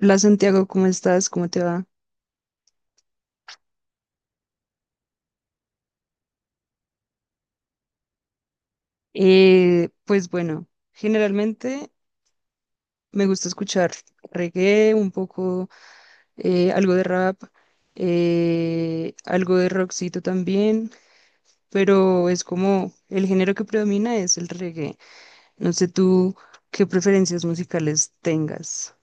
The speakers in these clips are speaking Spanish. Hola Santiago, ¿cómo estás? ¿Cómo te va? Pues bueno, generalmente me gusta escuchar reggae, un poco, algo de rap, algo de rockcito también, pero es como el género que predomina es el reggae. No sé tú qué preferencias musicales tengas.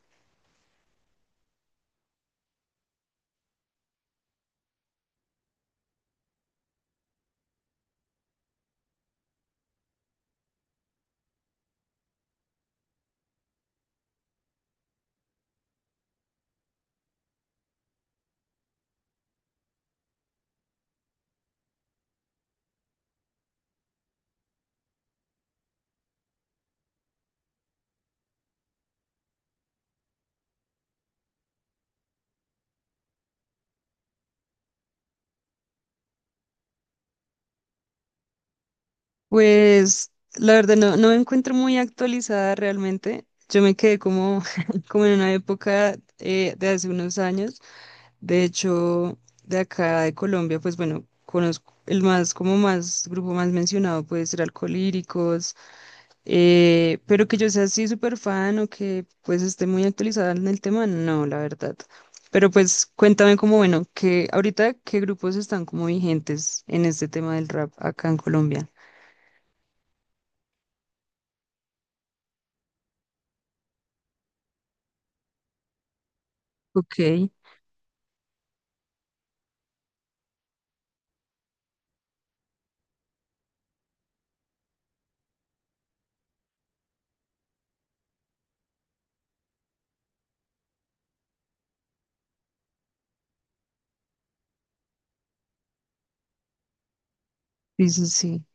Pues la verdad no, no me encuentro muy actualizada realmente. Yo me quedé como, como en una época de hace unos años. De hecho, de acá de Colombia, pues bueno, conozco el más, como más, grupo más mencionado puede ser Alcolíricos, pero que yo sea así súper fan o que pues esté muy actualizada en el tema, no, la verdad. Pero pues cuéntame como, bueno, que ahorita qué grupos están como vigentes en este tema del rap acá en Colombia. Ok, sí, sí, sí.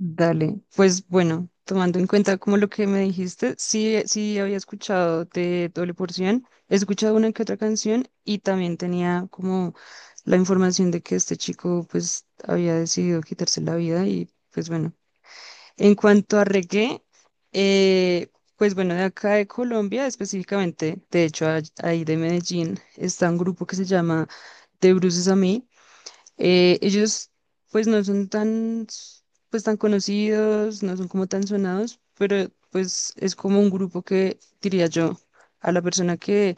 Dale, pues bueno, tomando en cuenta como lo que me dijiste, sí, sí había escuchado de Doble Porción, he escuchado una que otra canción y también tenía como la información de que este chico pues había decidido quitarse la vida y pues bueno. En cuanto a reggae, eh, pues bueno, de acá de Colombia específicamente, de hecho ahí de Medellín, está un grupo que se llama De Bruces a mí, ellos pues no son tan, pues tan conocidos, no son como tan sonados, pero pues es como un grupo que diría yo a la persona que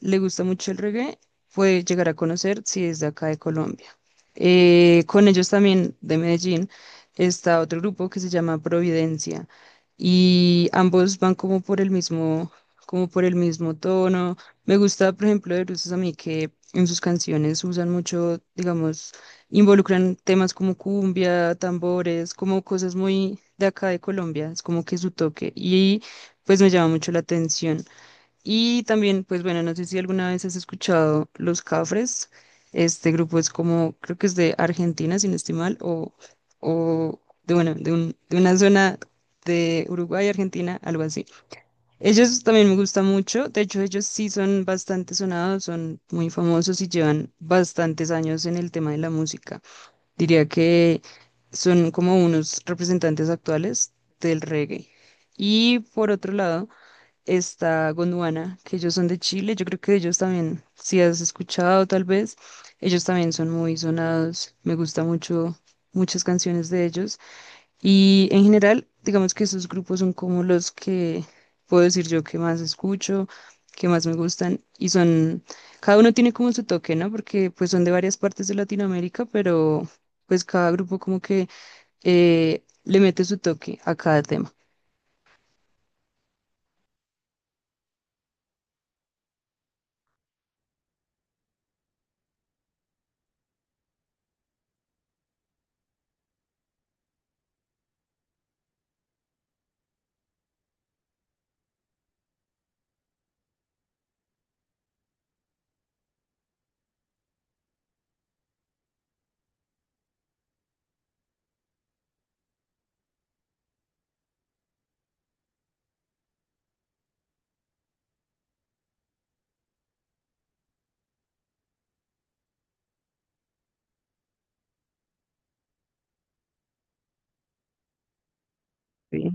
le gusta mucho el reggae, puede llegar a conocer si es de acá de Colombia. Con ellos también de Medellín está otro grupo que se llama Providencia y ambos van como por el mismo, como por el mismo tono. Me gusta, por ejemplo, de Bruces a mí que en sus canciones usan mucho, digamos, involucran temas como cumbia, tambores, como cosas muy de acá de Colombia, es como que su toque y pues me llama mucho la atención. Y también, pues bueno, no sé si alguna vez has escuchado Los Cafres. Este grupo es como, creo que es de Argentina, sin no estoy mal, o de, bueno, de, de una zona de Uruguay, Argentina, algo así. Ellos también me gustan mucho. De hecho, ellos sí son bastante sonados, son muy famosos y llevan bastantes años en el tema de la música. Diría que son como unos representantes actuales del reggae. Y por otro lado está Gondwana, que ellos son de Chile, yo creo que ellos también, si has escuchado tal vez, ellos también son muy sonados, me gusta mucho muchas canciones de ellos y en general, digamos que esos grupos son como los que puedo decir yo que más escucho, que más me gustan y son, cada uno tiene como su toque, ¿no? Porque pues son de varias partes de Latinoamérica, pero pues cada grupo como que le mete su toque a cada tema. ¿Sí?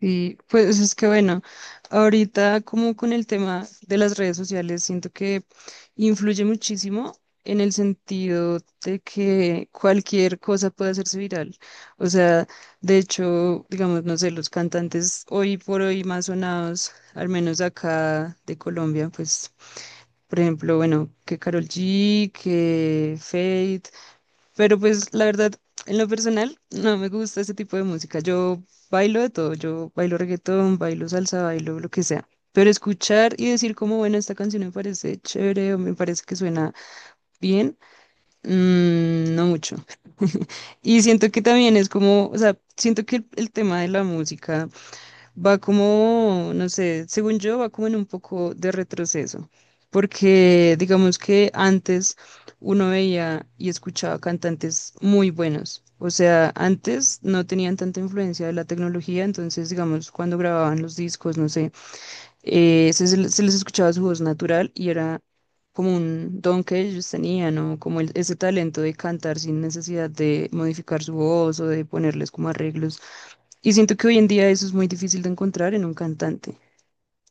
Sí, pues es que bueno, ahorita como con el tema de las redes sociales, siento que influye muchísimo en el sentido de que cualquier cosa puede hacerse viral. O sea, de hecho, digamos, no sé, los cantantes hoy por hoy más sonados, al menos acá de Colombia, pues, por ejemplo, bueno, que Karol G, que Fate. Pero pues la verdad, en lo personal, no me gusta ese tipo de música. Yo bailo de todo, yo bailo reggaetón, bailo salsa, bailo lo que sea. Pero escuchar y decir como, bueno, esta canción me parece chévere o me parece que suena bien, mm, no mucho. Y siento que también es como, o sea, siento que el tema de la música va como, no sé, según yo, va como en un poco de retroceso, porque digamos que antes uno veía y escuchaba cantantes muy buenos. O sea, antes no tenían tanta influencia de la tecnología, entonces, digamos, cuando grababan los discos, no sé, se les escuchaba su voz natural y era como un don que ellos tenían, ¿no? Como ese talento de cantar sin necesidad de modificar su voz o de ponerles como arreglos. Y siento que hoy en día eso es muy difícil de encontrar en un cantante.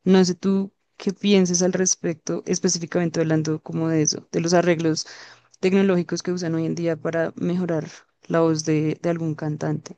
No sé tú qué pienses al respecto, específicamente hablando como de eso, de los arreglos tecnológicos que usan hoy en día para mejorar la voz de algún cantante.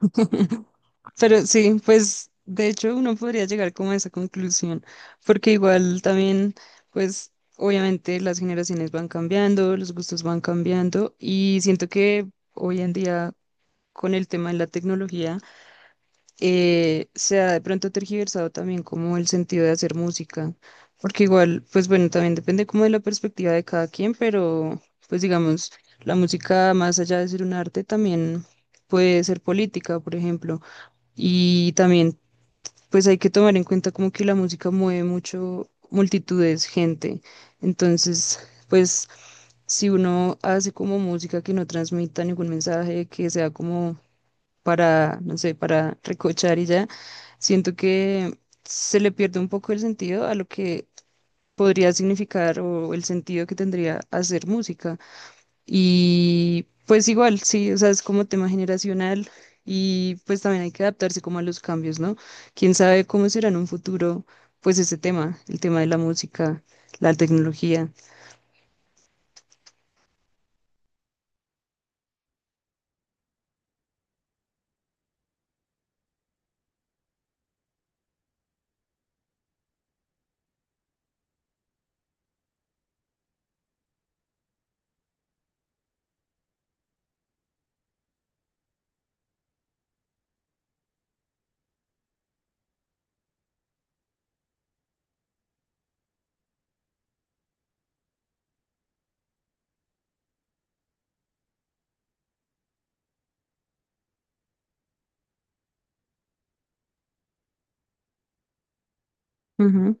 Pero sí, pues de hecho uno podría llegar como a esa conclusión, porque igual también, pues obviamente las generaciones van cambiando, los gustos van cambiando y siento que hoy en día con el tema de la tecnología se ha de pronto tergiversado también como el sentido de hacer música, porque igual, pues bueno, también depende como de la perspectiva de cada quien, pero pues digamos, la música más allá de ser un arte también puede ser política, por ejemplo, y también pues hay que tomar en cuenta como que la música mueve mucho multitudes, gente, entonces pues si uno hace como música que no transmita ningún mensaje, que sea como para, no sé, para recochar y ya, siento que se le pierde un poco el sentido a lo que podría significar o el sentido que tendría hacer música. Y pues igual, sí, o sea, es como tema generacional y pues también hay que adaptarse como a los cambios, ¿no? Quién sabe cómo será en un futuro, pues ese tema, el tema de la música, la tecnología. Ujú.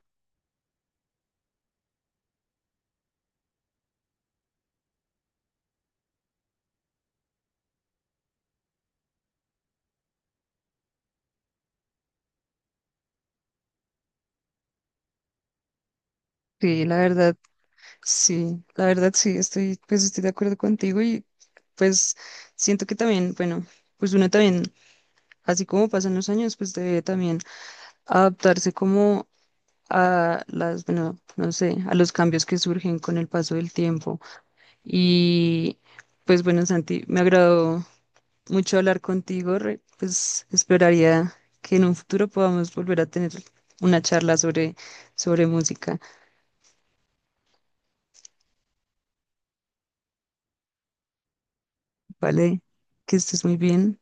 Sí, la verdad. Sí, la verdad sí, estoy, pues estoy de acuerdo contigo y pues siento que también, bueno, pues uno también, así como pasan los años, pues debe también adaptarse como a las, bueno, no sé, a los cambios que surgen con el paso del tiempo. Y pues bueno, Santi, me agradó mucho hablar contigo, pues esperaría que en un futuro podamos volver a tener una charla sobre, sobre música, ¿vale? Que estés muy bien.